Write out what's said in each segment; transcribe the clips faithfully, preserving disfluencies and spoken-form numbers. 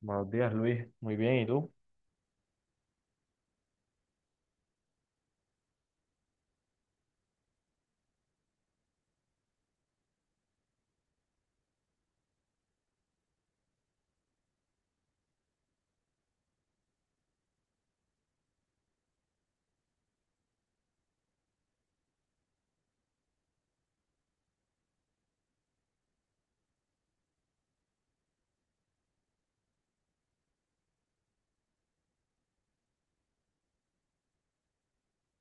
Buenos días, Luis. Muy bien, ¿y tú?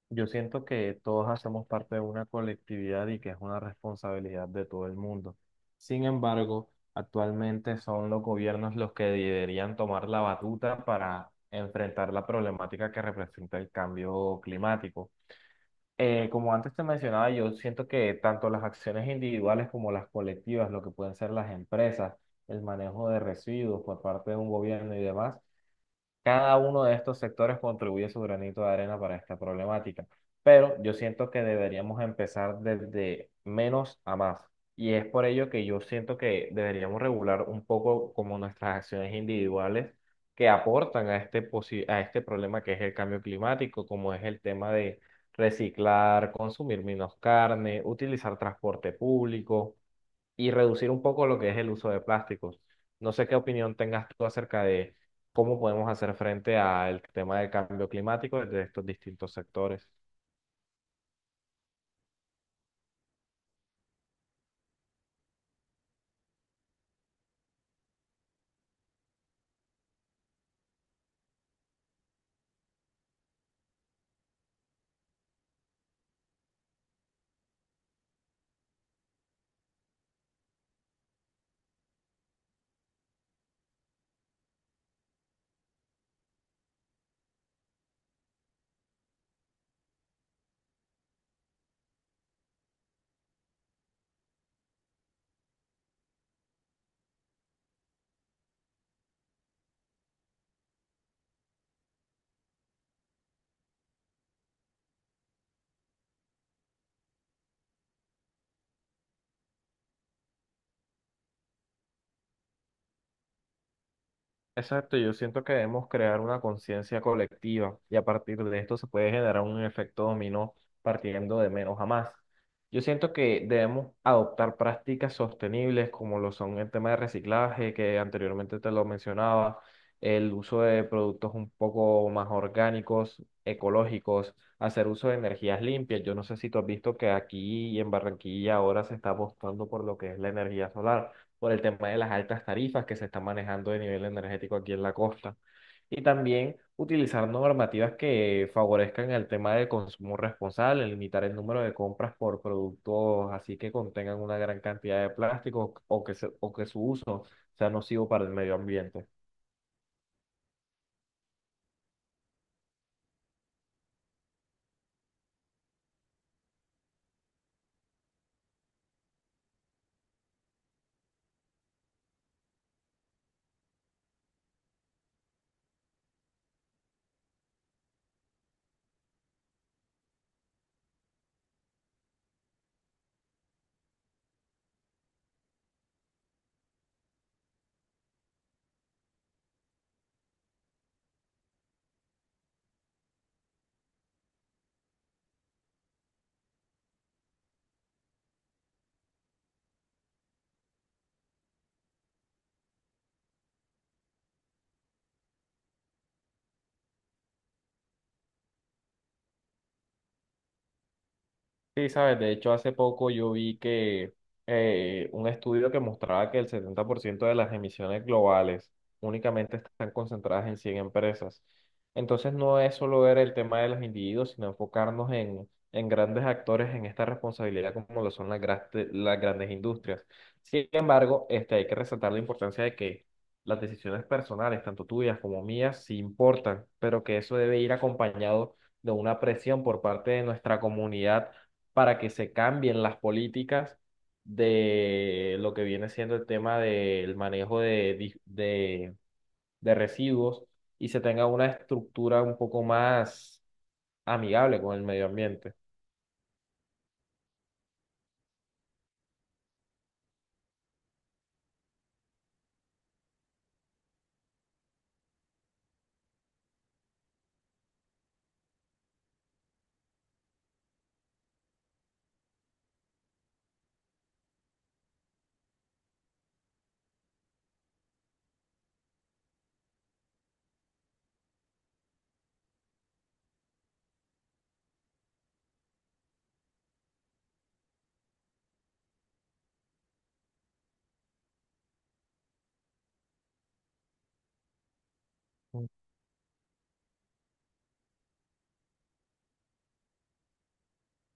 Yo siento que todos hacemos parte de una colectividad y que es una responsabilidad de todo el mundo. Sin embargo, actualmente son los gobiernos los que deberían tomar la batuta para enfrentar la problemática que representa el cambio climático. Eh, como antes te mencionaba, yo siento que tanto las acciones individuales como las colectivas, lo que pueden ser las empresas, el manejo de residuos por parte de un gobierno y demás, cada uno de estos sectores contribuye su granito de arena para esta problemática, pero yo siento que deberíamos empezar desde menos a más. Y es por ello que yo siento que deberíamos regular un poco como nuestras acciones individuales que aportan a este, posi- a este problema que es el cambio climático, como es el tema de reciclar, consumir menos carne, utilizar transporte público y reducir un poco lo que es el uso de plásticos. No sé qué opinión tengas tú acerca de cómo podemos hacer frente al tema del cambio climático desde estos distintos sectores. Exacto, yo siento que debemos crear una conciencia colectiva y a partir de esto se puede generar un efecto dominó partiendo de menos a más. Yo siento que debemos adoptar prácticas sostenibles como lo son el tema de reciclaje, que anteriormente te lo mencionaba, el uso de productos un poco más orgánicos, ecológicos, hacer uso de energías limpias. Yo no sé si tú has visto que aquí en Barranquilla ahora se está apostando por lo que es la energía solar por el tema de las altas tarifas que se están manejando de nivel energético aquí en la costa. Y también utilizar normativas que favorezcan el tema del consumo responsable, limitar el número de compras por productos así que contengan una gran cantidad de plástico o que, se- o que su uso sea nocivo para el medio ambiente. Sí, sabes, de hecho hace poco yo vi que eh, un estudio que mostraba que el setenta por ciento de las emisiones globales únicamente están concentradas en cien empresas. Entonces no es solo ver el tema de los individuos, sino enfocarnos en, en grandes actores en esta responsabilidad como lo son las, gras- las grandes industrias. Sin embargo, este, hay que resaltar la importancia de que las decisiones personales, tanto tuyas como mías, sí importan, pero que eso debe ir acompañado de una presión por parte de nuestra comunidad para que se cambien las políticas de lo que viene siendo el tema del manejo de, dis- de, de residuos y se tenga una estructura un poco más amigable con el medio ambiente.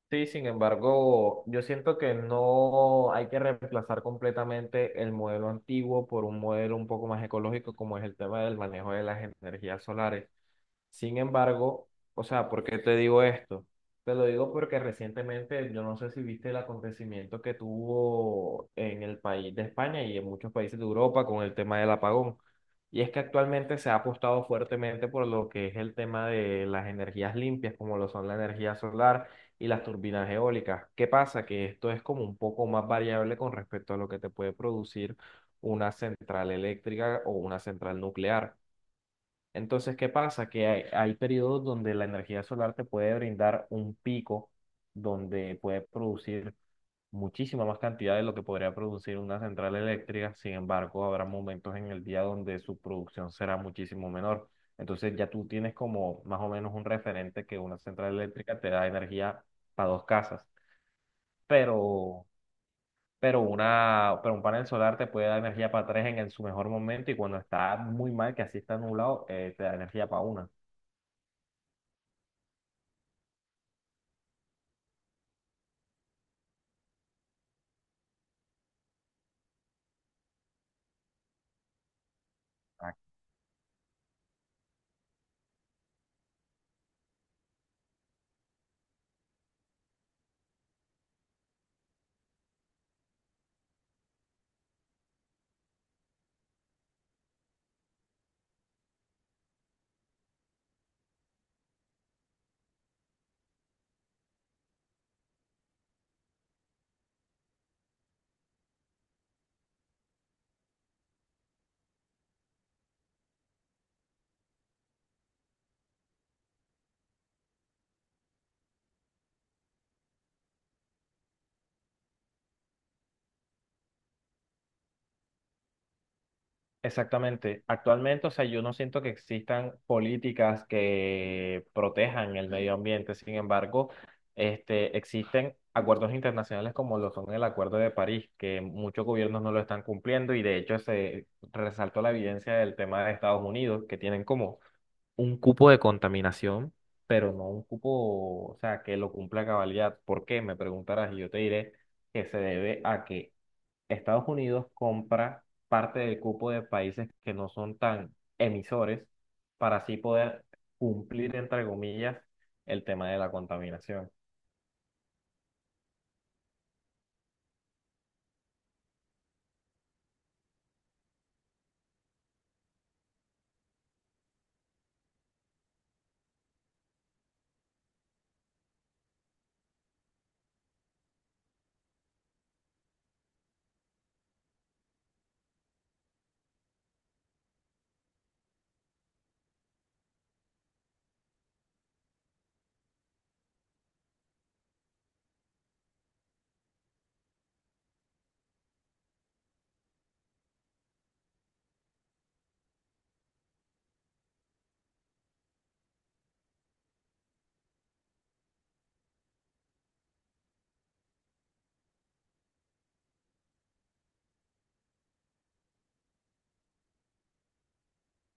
Sí, sin embargo, yo siento que no hay que reemplazar completamente el modelo antiguo por un modelo un poco más ecológico como es el tema del manejo de las energías solares. Sin embargo, o sea, ¿por qué te digo esto? Te lo digo porque recientemente, yo no sé si viste el acontecimiento que tuvo en el país de España y en muchos países de Europa con el tema del apagón. Y es que actualmente se ha apostado fuertemente por lo que es el tema de las energías limpias, como lo son la energía solar y las turbinas eólicas. ¿Qué pasa? Que esto es como un poco más variable con respecto a lo que te puede producir una central eléctrica o una central nuclear. Entonces, ¿qué pasa? Que hay, hay periodos donde la energía solar te puede brindar un pico donde puede producir muchísima más cantidad de lo que podría producir una central eléctrica. Sin embargo, habrá momentos en el día donde su producción será muchísimo menor. Entonces, ya tú tienes como más o menos un referente que una central eléctrica te da energía para dos casas, pero, pero, una, pero un panel solar te puede dar energía para tres en, el- su mejor momento y cuando está muy mal, que así está nublado, eh, te da energía para una. Exactamente. Actualmente, o sea, yo no siento que existan políticas que protejan el medio ambiente. Sin embargo, este, existen acuerdos internacionales como lo son el Acuerdo de París, que muchos gobiernos no lo están cumpliendo y de hecho se resaltó la evidencia del tema de Estados Unidos, que tienen como un cupo de contaminación, pero no un cupo, o sea, que lo cumpla a cabalidad. ¿Por qué? Me preguntarás y yo te diré que se debe a que Estados Unidos compra parte del cupo de países que no son tan emisores para así poder cumplir, entre comillas, el tema de la contaminación.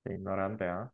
Qué ignorante, ¿ah?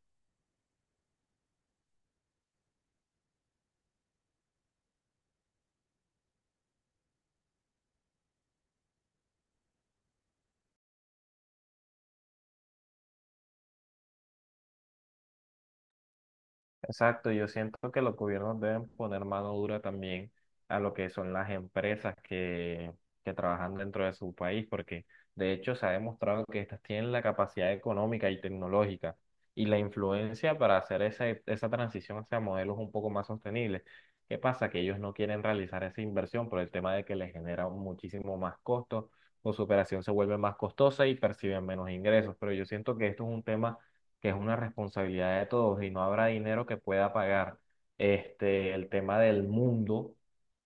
Exacto, yo siento que los gobiernos deben poner mano dura también a lo que son las empresas que, que trabajan dentro de su país, porque de hecho se ha demostrado que estas tienen la capacidad económica y tecnológica y la influencia para hacer esa esa transición hacia modelos un poco más sostenibles. ¿Qué pasa? Que ellos no quieren realizar esa inversión por el tema de que les genera muchísimo más costo, o su operación se vuelve más costosa y perciben menos ingresos, pero yo siento que esto es un tema que es una responsabilidad de todos y no habrá dinero que pueda pagar este, el tema del mundo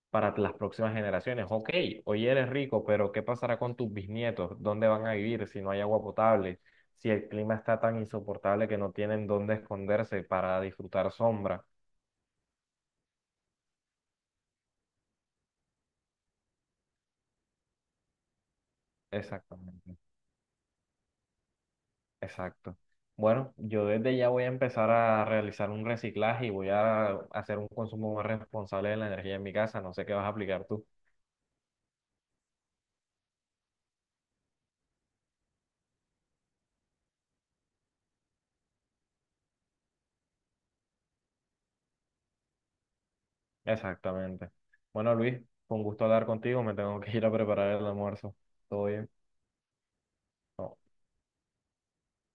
para las próximas generaciones. Ok, hoy eres rico, pero ¿qué pasará con tus bisnietos? ¿Dónde van a vivir si no hay agua potable? Si el clima está tan insoportable que no tienen dónde esconderse para disfrutar sombra. Exactamente, exacto. Bueno, yo desde ya voy a empezar a realizar un reciclaje y voy a hacer un consumo más responsable de la energía en mi casa. No sé qué vas a aplicar tú. Exactamente. Bueno, Luis, con gusto hablar contigo. Me tengo que ir a preparar el almuerzo. Todo bien.